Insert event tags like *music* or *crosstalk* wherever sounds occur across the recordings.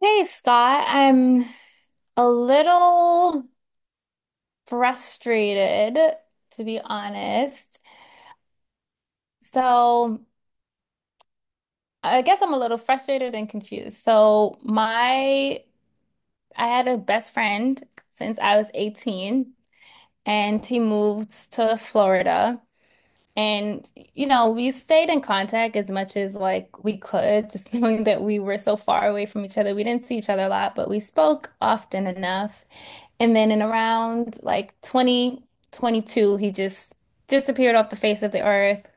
Hey Scott, I'm a little frustrated, to be honest. So I guess I'm a little frustrated and confused. So my I had a best friend since I was 18 and he moved to Florida. And we stayed in contact as much as like we could, just *laughs* knowing that we were so far away from each other. We didn't see each other a lot, but we spoke often enough. And then in around like 2022, he just disappeared off the face of the earth,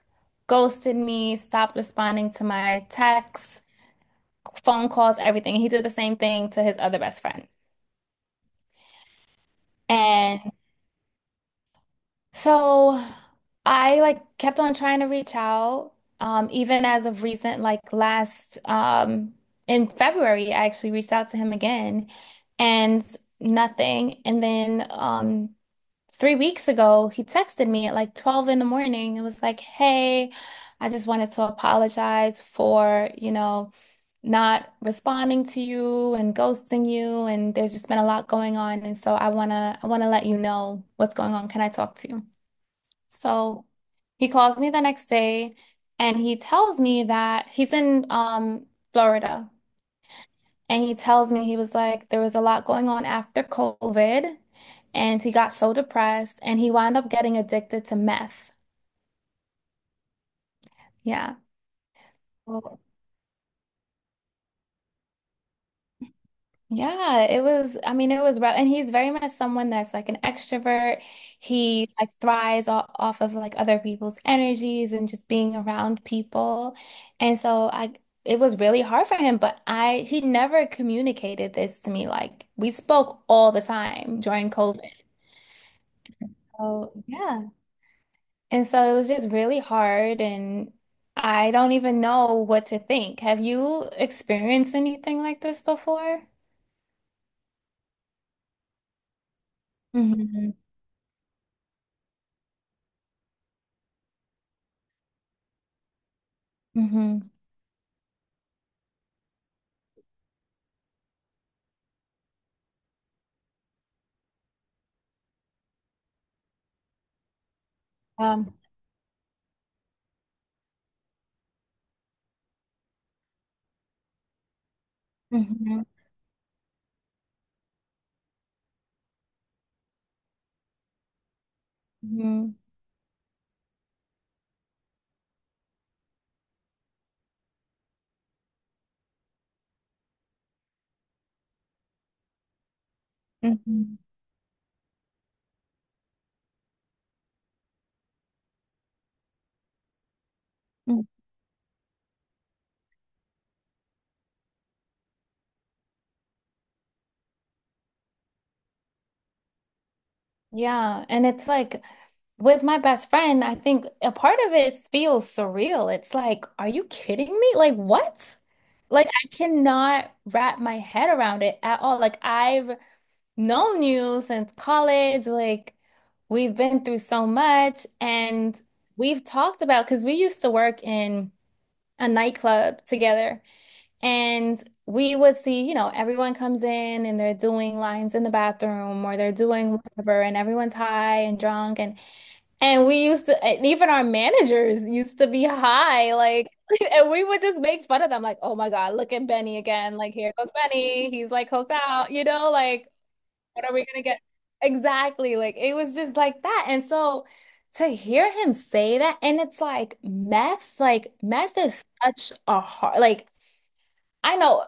ghosted me, stopped responding to my texts, phone calls, everything. He did the same thing to his other best friend. And so I like kept on trying to reach out. Even as of recent, like last in February, I actually reached out to him again and nothing. And then 3 weeks ago, he texted me at like 12 in the morning and was like, hey, I just wanted to apologize for, not responding to you and ghosting you. And there's just been a lot going on. And so I wanna let you know what's going on. Can I talk to you? So he calls me the next day and he tells me that he's in Florida. And he tells me he was like, there was a lot going on after COVID, and he got so depressed and he wound up getting addicted to meth. Yeah. Oh. Yeah, it was, I mean, it was rough. And he's very much someone that's like an extrovert. He like thrives off of like other people's energies and just being around people. And it was really hard for him, he never communicated this to me. Like we spoke all the time during COVID. Oh, yeah. And so it was just really hard, and I don't even know what to think. Have you experienced anything like this before? Hmm. Hmm. Um. Hmm. Hmm. Hmm. Yeah, and it's like with my best friend, I think a part of it feels surreal. It's like, are you kidding me? Like, what? Like, I cannot wrap my head around it at all. Like, I've known you since college. Like, we've been through so much, and we've talked about because we used to work in a nightclub together, and we would see, everyone comes in and they're doing lines in the bathroom or they're doing whatever, and everyone's high and drunk, and we used to, and even our managers used to be high, like. *laughs* And we would just make fun of them, like, oh my God, look at Benny again. Like, here goes Benny. He's like coked out, like what are we gonna get? Exactly. Like it was just like that. And so to hear him say that, and it's like meth is such a hard, like I know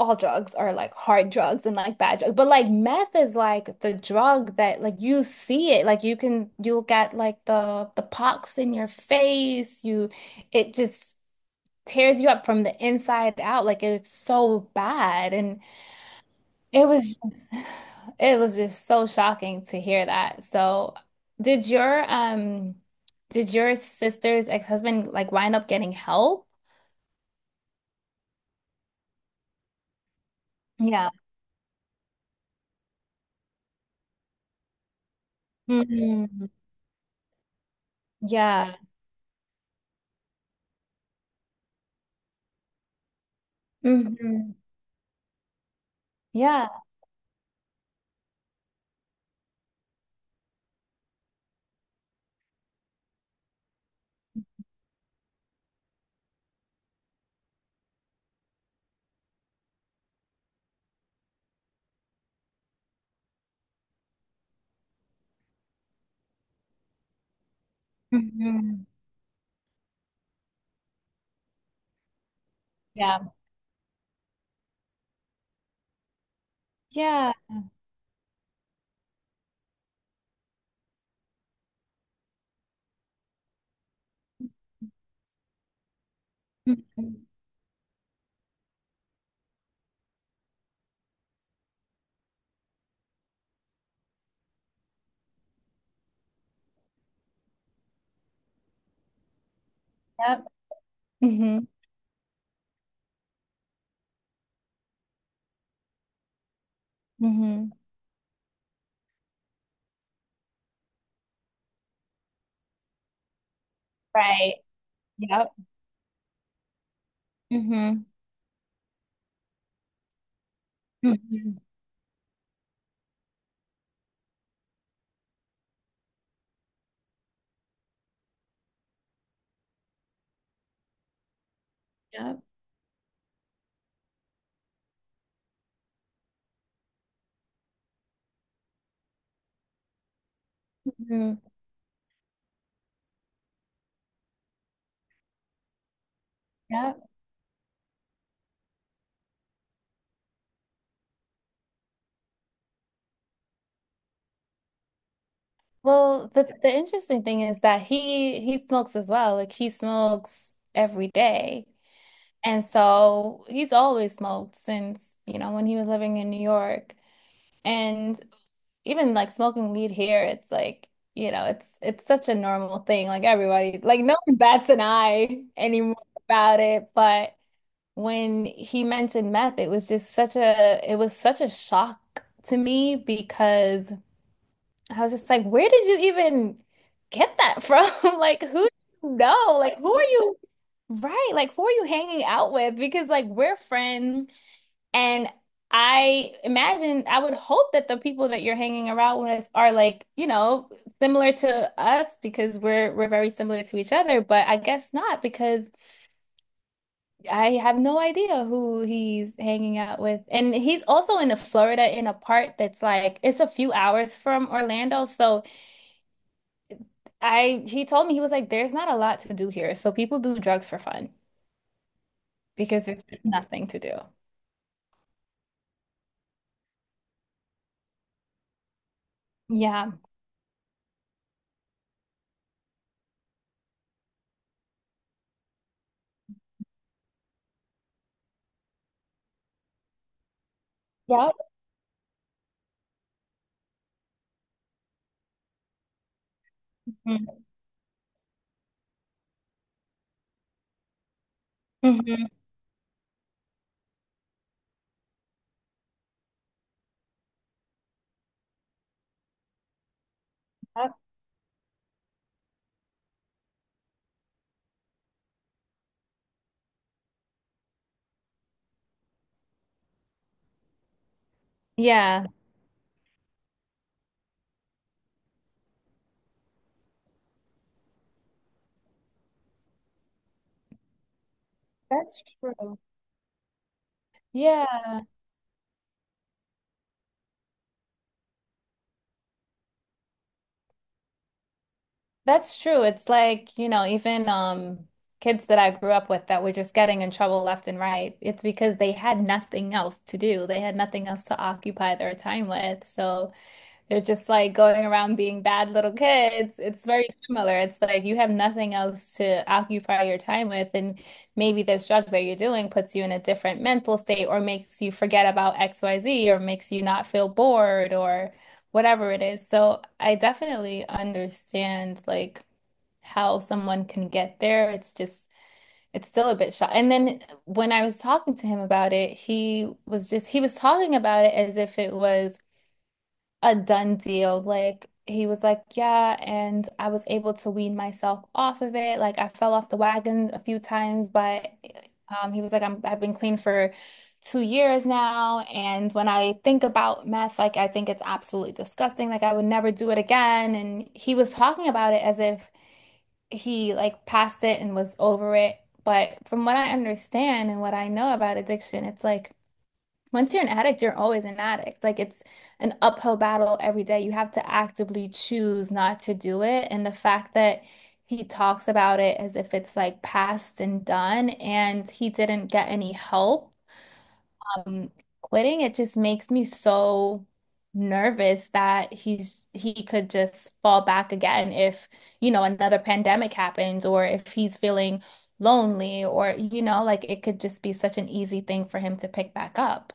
all drugs are like hard drugs and like bad drugs, but like meth is like the drug that like you see it, like you can you'll get like the pox in your face. You It just tears you up from the inside out. Like it's so bad. And it was it was just so shocking to hear that. So, did your um did your sister's ex-husband like wind up getting help? Yeah. Mhm. Yeah. Hmm. Yeah. Hmm. Yeah. Yeah. Mhm. Yep. Hmm. Hmm. Right. Yep. Hmm. Hmm. Yep. Hmm. Yep. Well, the interesting thing is that he smokes as well. Like he smokes every day. And so he's always smoked since, when he was living in New York. And even like smoking weed here, it's like, it's such a normal thing. Like everybody, like no one bats an eye anymore about it. But when he mentioned meth, it was just such a it was such a shock to me because I was just like, where did you even get that from? *laughs* Like who do you know? Like who are you Right, like who are you hanging out with? Because like we're friends. And I imagine, I would hope that the people that you're hanging around with are like, similar to us because we're very similar to each other, but I guess not because I have no idea who he's hanging out with. And he's also in Florida in a part that's like it's a few hours from Orlando, so I he told me he was like, there's not a lot to do here. So people do drugs for fun because there's nothing to do. Yeah. Yep. Mhm. Mhm. Yep. Yeah. That's true. Yeah, that's true. It's like, even kids that I grew up with that were just getting in trouble left and right, it's because they had nothing else to do. They had nothing else to occupy their time with. So they're just like going around being bad little kids. It's very similar. It's like you have nothing else to occupy your time with, and maybe this drug that you're doing puts you in a different mental state or makes you forget about XYZ or makes you not feel bored or whatever it is. So I definitely understand like how someone can get there. It's just it's still a bit shot. And then when I was talking to him about it, he was talking about it as if it was a done deal. Like he was like, yeah, and I was able to wean myself off of it. Like I fell off the wagon a few times, but he was like, I've been clean for 2 years now, and when I think about meth, like I think it's absolutely disgusting. Like I would never do it again. And he was talking about it as if he like passed it and was over it. But from what I understand and what I know about addiction, it's like once you're an addict, you're always an addict. Like it's an uphill battle every day. You have to actively choose not to do it. And the fact that he talks about it as if it's like past and done, and he didn't get any help um, quitting, it just makes me so nervous that he could just fall back again if, another pandemic happens or if he's feeling lonely or, like it could just be such an easy thing for him to pick back up.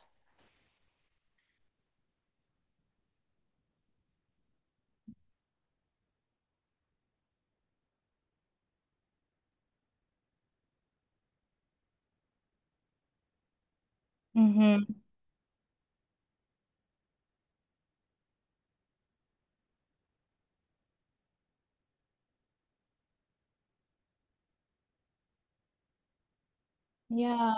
Hmm. Yeah.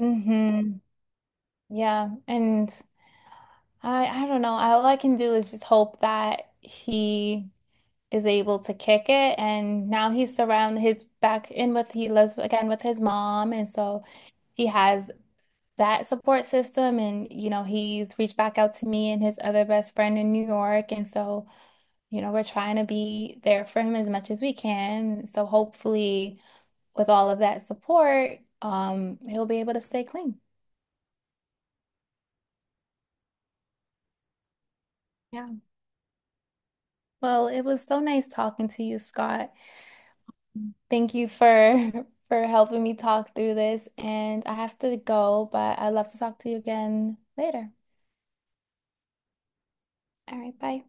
Mm-hmm. Yeah. And I don't know. All I can do is just hope that he is able to kick it. And now he's surrounded his back in with he lives again with his mom. And so he has that support system. And, he's reached back out to me and his other best friend in New York. And so, we're trying to be there for him as much as we can. So hopefully with all of that support, he'll be able to stay clean. Yeah. Well, it was so nice talking to you, Scott. Thank you for *laughs* for helping me talk through this, and I have to go, but I'd love to talk to you again later. All right, bye.